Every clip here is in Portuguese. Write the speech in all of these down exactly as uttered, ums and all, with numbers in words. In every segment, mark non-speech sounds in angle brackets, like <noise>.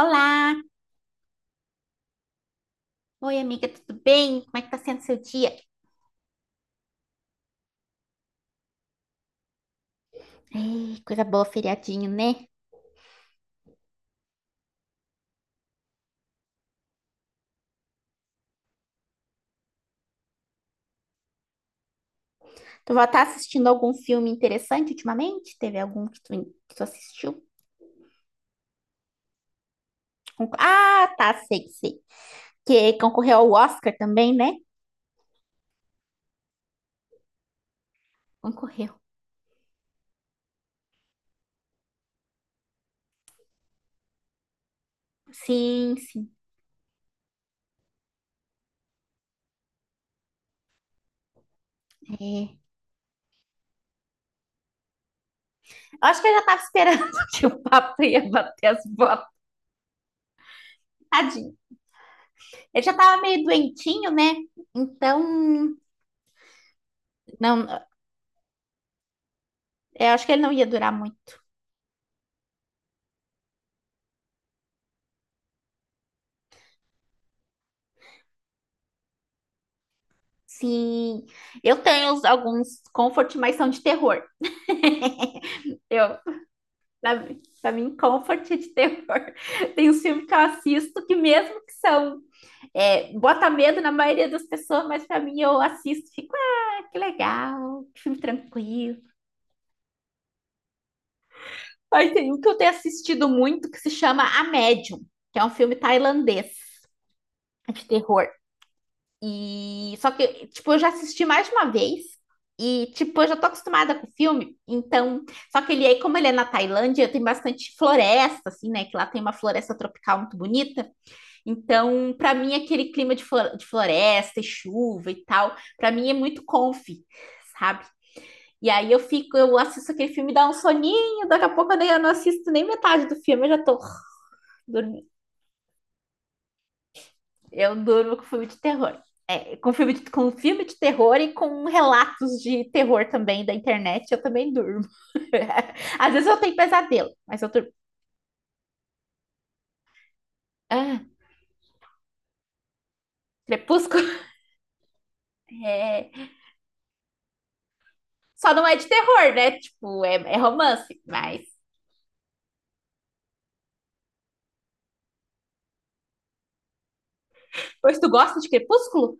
Olá! Oi, amiga, tudo bem? Como é que tá sendo seu dia? Ei, coisa boa, feriadinho, né? Tu vai estar assistindo algum filme interessante ultimamente? Teve algum que tu, que tu assistiu? Concor- Ah, tá, sei, sei. Que concorreu ao Oscar também, né? Concorreu. Sim, sim. É. Eu acho que eu já tava esperando <laughs> que o papo ia bater as botas. Tadinho. Ele já tava meio doentinho, né? Então, não, eu acho que ele não ia durar muito. Sim, eu tenho os- alguns comfort, mas são de terror. Eu, pra, mim- pra mim, comfort é de terror. <laughs> Tem uns filmes que eu assisto que mesmo que são, é, bota medo na maioria das pessoas, mas pra mim eu assisto, e fico, ah, que legal, que filme tranquilo. Aí tem um que eu tenho assistido muito que se chama A Médium, que é um filme tailandês, é de terror. E só que, tipo, eu já assisti mais de uma vez e, tipo, eu já tô acostumada com o filme, então, só que ele aí, como ele é na Tailândia, tem bastante floresta, assim, né? Que lá tem uma floresta tropical muito bonita. Então, pra mim, aquele clima de, flo- de floresta e chuva e tal, pra mim é muito comfy, sabe? E aí eu fico, eu assisto aquele filme, dá um soninho, daqui a pouco eu nem- eu não assisto nem metade do filme, eu já tô dormindo. Eu durmo com filme de terror. É, com filme de, com filme de, terror e com relatos de terror também da internet, eu também durmo. <laughs> Às vezes eu tenho pesadelo, mas eu durmo. Ah, Crepúsculo. <laughs> É, só não é de terror, né? Tipo, é, é romance, mas. Pois tu gosta de Crepúsculo?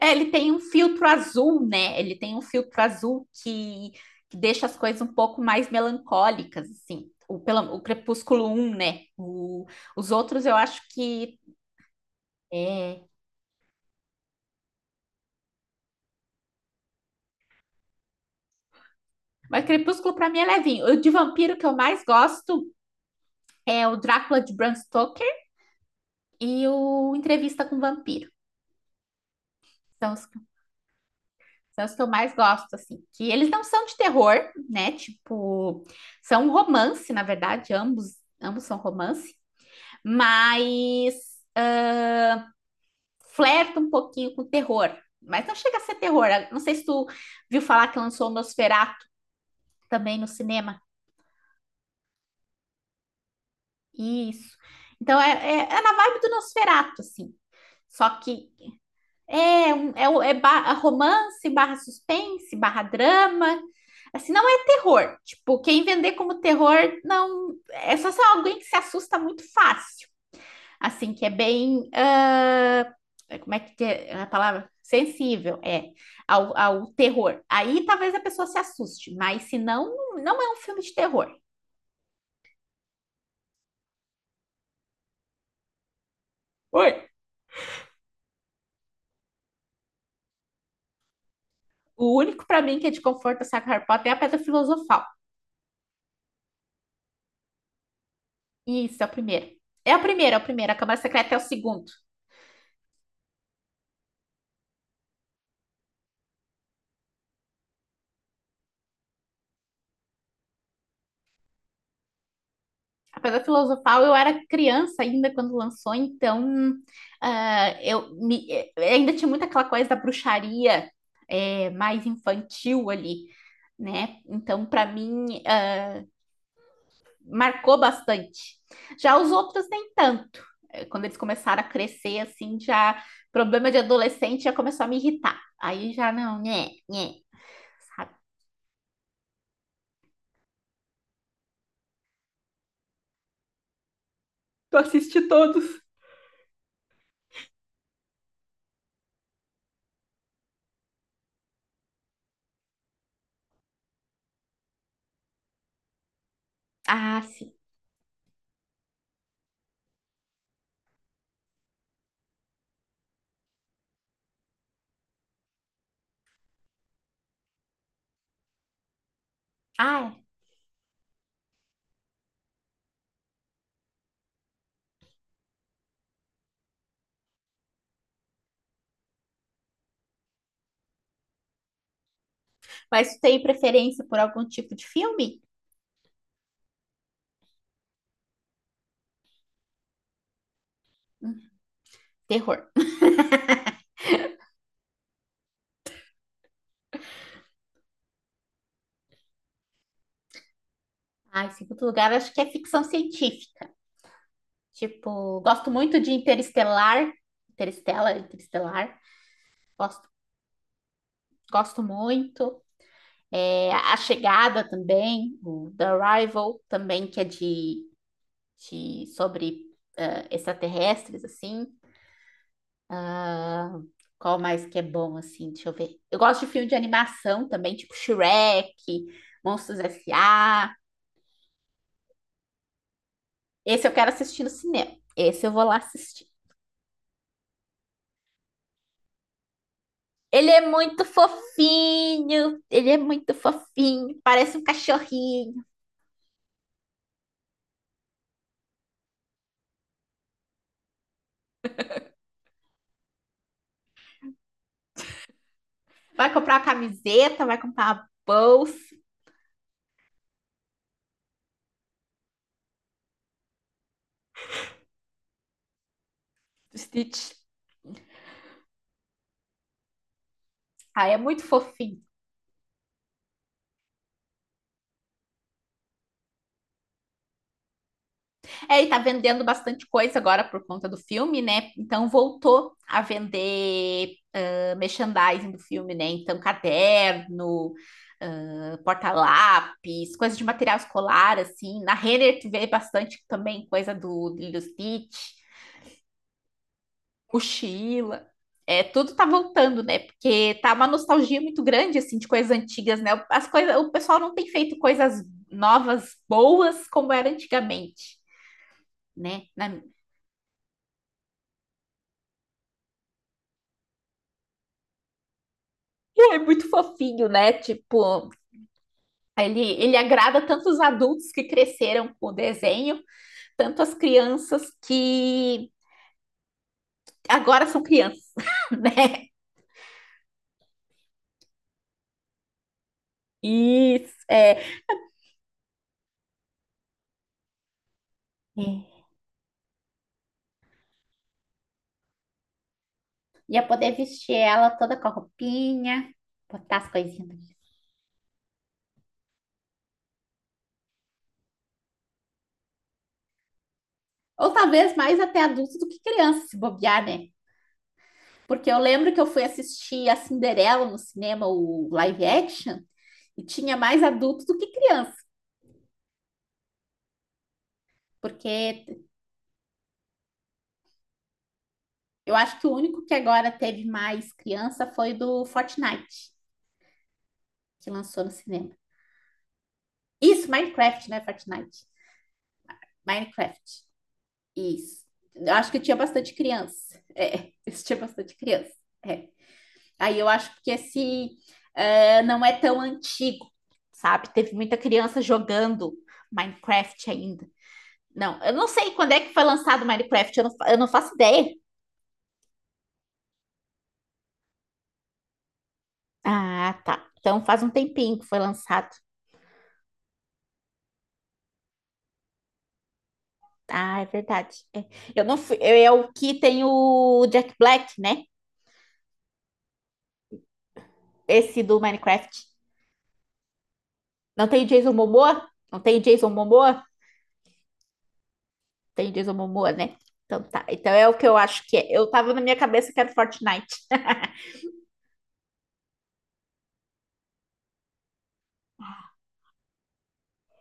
É, ele tem um filtro azul, né? Ele tem um filtro azul que, que deixa as coisas um pouco mais melancólicas, assim. O, pelo, o Crepúsculo um, né? O, os outros eu acho que é. Mas Crepúsculo pra mim é levinho. O de vampiro que eu mais gosto é o Drácula de Bram Stoker e o Entrevista com o Vampiro. São os, são os que eu mais gosto, assim. Que eles não são de terror, né? Tipo, são um romance, na verdade, ambos, ambos são romance, mas ah, flerta um pouquinho com terror. Mas não chega a ser terror. Não sei se tu viu falar que lançou o Nosferatu também no cinema. Isso. Então é, é, é na vibe do Nosferatu, assim. Só que É, um- é, o- é ba- é romance, barra suspense, barra drama. Assim, não é terror. Tipo, quem vender como terror, não. É só se é alguém que se assusta muito fácil. Assim, que é bem, ah, como é que é a palavra? Sensível, é, ao, ao terror. Aí talvez a pessoa se assuste, mas se não, não é um filme de terror. Oi. O único pra mim que é de conforto, saca Harry Potter, é a Pedra Filosofal. Isso, é o primeiro. É o primeiro, é o primeiro. A Câmara Secreta é o segundo. Pedra Filosofal, eu era criança ainda quando lançou, então ah, eu me- eh, ainda tinha muito aquela coisa da bruxaria, eh, mais infantil ali, né? Então, para mim, ah, marcou bastante. Já os outros, nem tanto. Eh, Quando eles começaram a crescer, assim, já problema de adolescente já começou a me irritar. Aí já não, né, né, sabe? Tu assiste todos. Ah, sim. Ah, é. Mas tu tem preferência por algum tipo de filme? Hum, Terror. Ah, em segundo lugar, acho que é ficção científica. Tipo, gosto muito de Interestelar. Interestela, Interestelar. Gosto, gosto muito. É, A Chegada também, o The Arrival também, que é de, de- sobre ah, extraterrestres, assim. Ah, qual mais que é bom, assim? Deixa eu ver. Eu gosto de filme de animação também, tipo Shrek, Monstros S A. Esse eu quero assistir no cinema. Esse eu vou lá assistir. Ele é muito fofinho, ele é muito fofinho, parece um cachorrinho. Vai comprar uma camiseta, vai comprar uma bolsa do Stitch. Ah, é muito fofinho. É, ele tá vendendo bastante coisa agora por conta do filme, né? Então voltou a vender ah, merchandising do filme, né? Então caderno, ah, porta-lápis, coisa de material escolar, assim. Na Renner tu vê bastante também coisa do Lilo Stitch. Mochila. É, tudo tá voltando, né? Porque tá uma nostalgia muito grande, assim, de coisas antigas, né? As coisas, o pessoal não tem feito coisas novas, boas, como era antigamente, né? Na- E é muito fofinho, né? Tipo, ele, ele agrada tanto os adultos que cresceram com o desenho, tanto as crianças que agora são crianças, <laughs> né? Isso, é. É. Ia poder vestir ela toda com a roupinha, botar as coisinhas. Ou talvez mais até adulto do que criança, se bobear, né? Porque eu lembro que eu fui assistir a Cinderela no cinema, o live action, e tinha mais adultos do que criança. Porque eu acho que o único que agora teve mais criança foi do Fortnite, que lançou no cinema. Isso, Minecraft, né? Fortnite. Minecraft. Isso. Eu acho que tinha bastante criança. É, <laughs> isso tinha bastante criança. É. Aí eu acho que esse, eh, não é tão antigo, sabe? Teve muita criança jogando Minecraft ainda. Não, eu não sei quando é que foi lançado Minecraft, eu não, fa- eu não faço ideia. Ah, tá. Então faz um tempinho que foi lançado. Ah, é verdade. É. Eu não fui, eu, é o que tem o Jack Black, né? Esse do Minecraft. Não tem o Jason Momoa? Não tem o Jason Momoa? Tem o Jason Momoa, né? Então tá. Então é o que eu acho que é. Eu tava na minha cabeça que era Fortnite.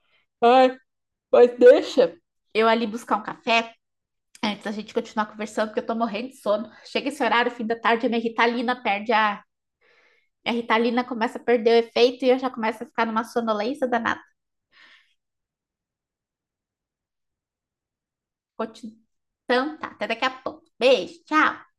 <laughs> Ai, mas deixa. Eu ali buscar um café antes da gente continuar conversando, porque eu tô morrendo de sono. Chega esse horário, fim da tarde, a minha Ritalina perde a. Minha Ritalina começa a perder o efeito e eu já começo a ficar numa sonolência danada. Continu- Então tá, até daqui a pouco. Beijo, tchau.